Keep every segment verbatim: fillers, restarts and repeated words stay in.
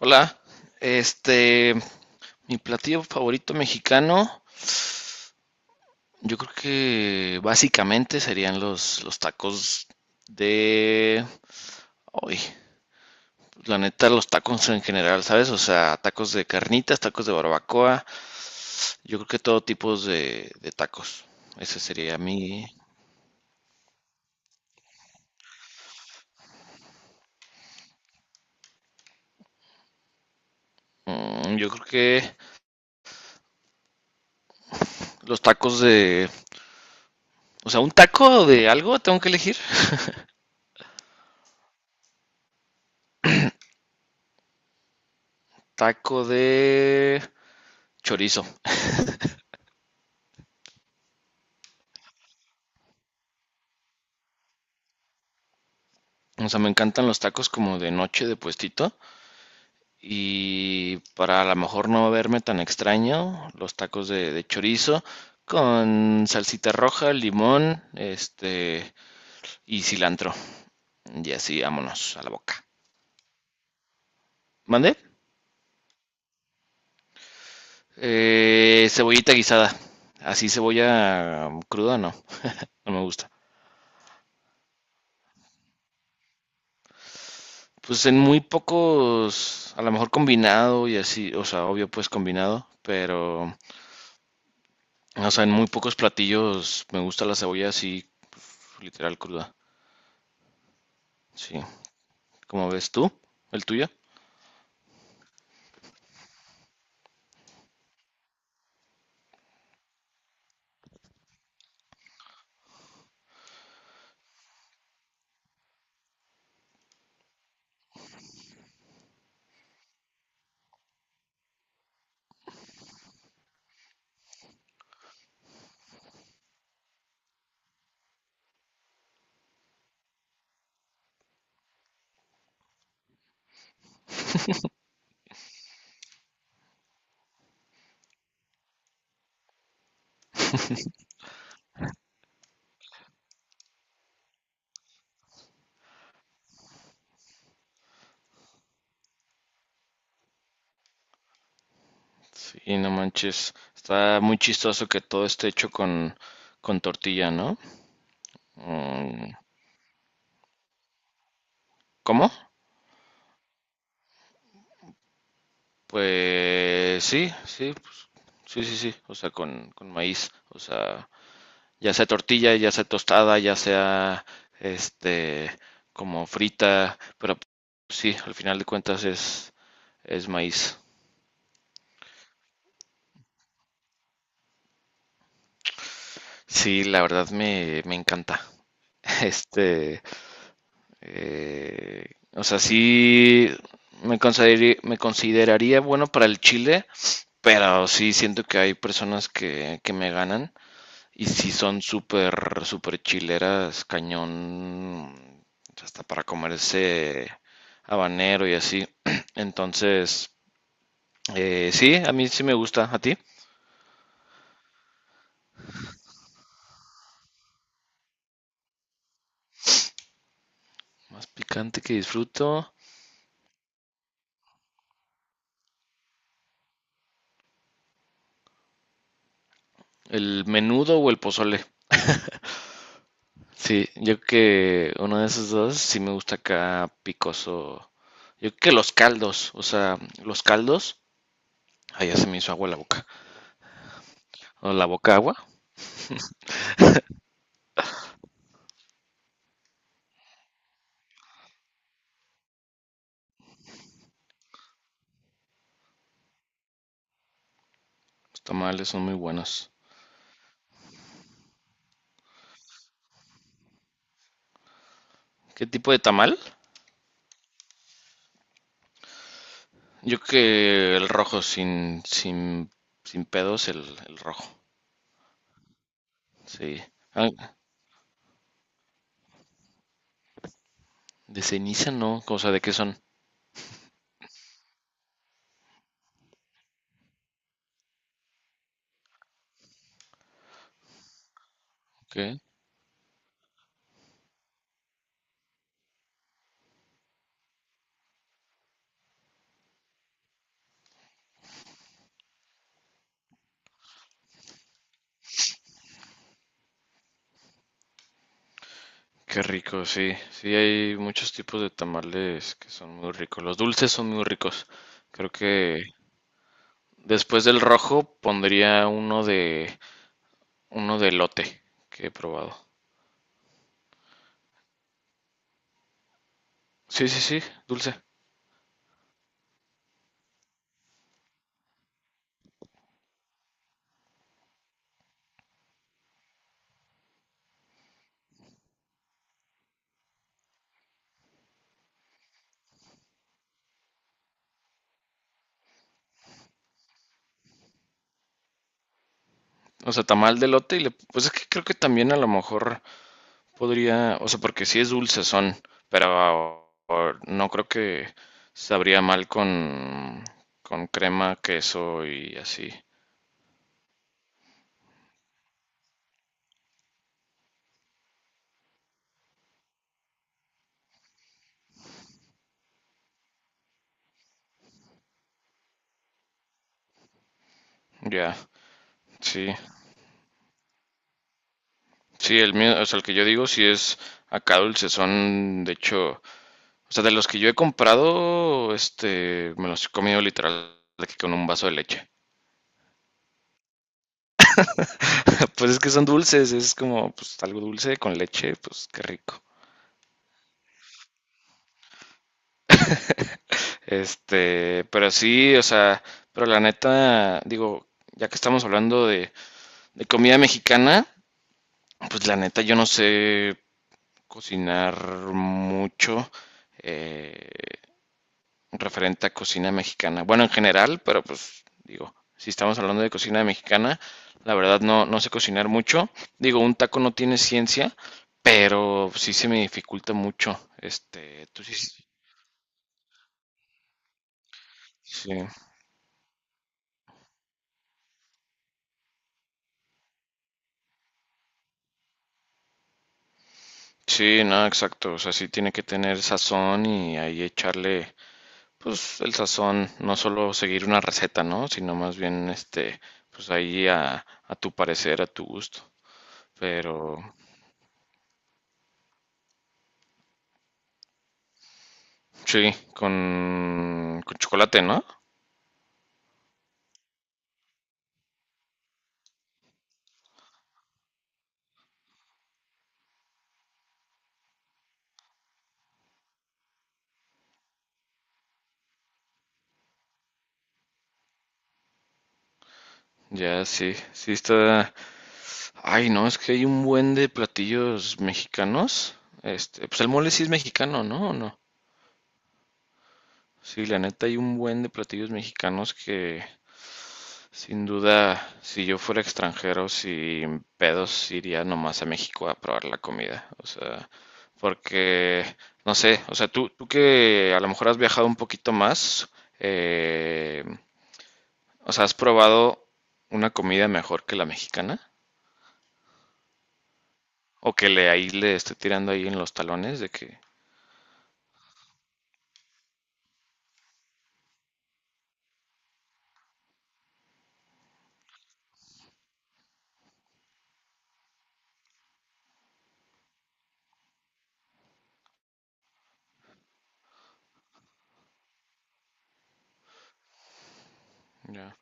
Hola, este, mi platillo favorito mexicano, yo creo que básicamente serían los, los tacos de... Ay, la neta, los tacos en general, ¿sabes? O sea, tacos de carnitas, tacos de barbacoa, yo creo que todo tipo de, de tacos. Ese sería mi... Mm, yo creo que los tacos de... O sea, un taco de algo tengo que elegir. Taco de chorizo. O sea, me encantan los tacos como de noche de puestito. Y para a lo mejor no verme tan extraño, los tacos de, de chorizo con salsita roja, limón, este y cilantro. Y así, vámonos a la boca. ¿Mande? Eh, cebollita guisada. Así cebolla cruda, no. No me gusta. Pues en muy pocos, a lo mejor combinado y así, o sea, obvio pues combinado, pero, o sea, en muy pocos platillos me gusta la cebolla así, pues, literal cruda. Sí. Como ves tú, el tuyo. Sí, no manches, está muy chistoso que todo esté hecho con, con tortilla, ¿no? Mm, ¿cómo? Pues sí, sí, pues, sí, sí, sí, o sea, con, con maíz, o sea, ya sea tortilla, ya sea tostada, ya sea, este, como frita, pero pues, sí, al final de cuentas es, es maíz. Sí, la verdad me, me encanta. Este, Eh, o sea, sí me consideraría, me consideraría bueno para el Chile, pero sí siento que hay personas que, que me ganan y sí son súper, súper chileras, cañón, hasta para comerse habanero y así. Entonces, eh, sí, a mí sí me gusta. ¿A ti? Más picante que disfruto. ¿El menudo o el pozole? Sí, yo creo que uno de esos dos sí me gusta acá picoso. Yo creo que los caldos, o sea, los caldos. Ay, ya se me hizo agua la boca. O la boca agua. Los tamales son muy buenos. ¿Qué tipo de tamal? Yo creo que el rojo sin, sin, sin pedos, el, el rojo. Sí. Ah, de ceniza no, o sea, ¿de qué son? ¿Qué? Qué rico, sí. Sí, hay muchos tipos de tamales que son muy ricos. Los dulces son muy ricos. Creo que después del rojo pondría uno de uno de elote que he probado. Sí, sí, sí, dulce. O sea, tamal de elote y le, pues es que creo que también a lo mejor podría, o sea, porque sí es dulce son, pero o- no creo que sabría mal con con crema, queso y así. Ya. Sí. Sí, el mío, o sea, el que yo digo sí es acá dulce son, de hecho. O sea, de los que yo he comprado, este, me los he comido literal de que con un vaso de leche. Pues es que son dulces, es como pues algo dulce con leche, pues qué rico. Este, pero sí, o sea, pero la neta, digo, ya que estamos hablando de, de comida mexicana, pues la neta yo no sé cocinar mucho. Eh, referente a cocina mexicana. Bueno, en general, pero pues digo, si estamos hablando de cocina mexicana, la verdad no, no sé cocinar mucho. Digo, un taco no tiene ciencia, pero sí se me dificulta mucho. Este, tú sí, sí, sí, no, exacto. O sea, sí tiene que tener sazón y ahí echarle, pues, el sazón, no solo seguir una receta, ¿no? Sino más bien, este, pues ahí a, a tu parecer, a tu gusto. Pero sí, con, con chocolate, ¿no? Ya, sí, sí está. Ay, no, es que hay un buen de platillos mexicanos. Este, pues el mole sí es mexicano, ¿no? ¿O no? Sí, la neta hay un buen de platillos mexicanos que sin duda, si yo fuera extranjero, sin pedos iría nomás a México a probar la comida. O sea, porque, no sé, o sea, tú, tú que a lo mejor has viajado un poquito más, eh, o sea, ¿has probado una comida mejor que la mexicana? O que le ahí le esté tirando ahí en los talones de que ya.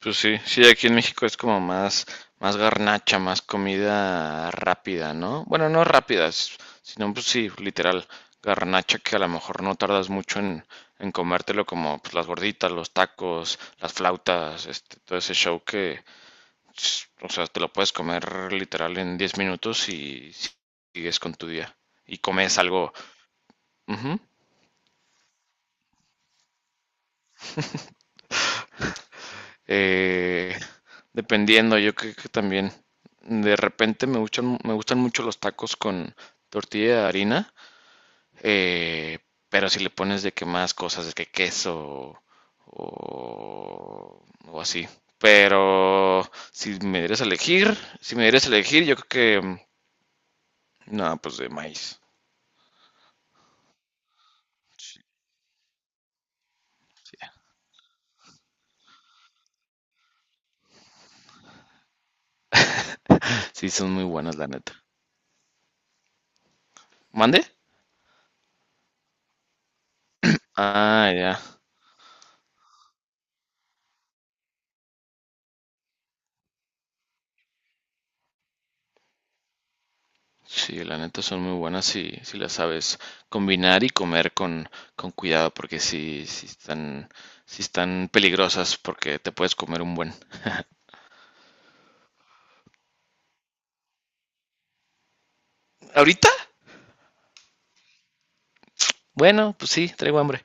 Pues sí, sí, aquí en México es como más, más garnacha, más comida rápida, ¿no? Bueno, no rápida, s- sino pues sí, literal, garnacha que a lo mejor no tardas mucho en, en comértelo como pues, las gorditas, los tacos, las flautas, este, todo ese show que, s- o sea, te lo puedes comer literal en diez minutos y sigues con tu día. Y comes algo, ujú. Eh, dependiendo, yo creo que también de repente me gustan, me gustan mucho los tacos con tortilla de harina, eh, pero si le pones de que más cosas, de que queso o, o así. Pero si me dieras a elegir, si me dieras a elegir, yo creo que mm, no, pues de maíz. Sí, sí, son muy buenas, la neta. ¿Mande? Ah, ya. Sí, la neta son muy buenas si, si las sabes combinar y comer con, con cuidado, porque sí, sí están, sí están peligrosas porque te puedes comer un buen. ¿Ahorita? Bueno, pues sí, traigo hambre.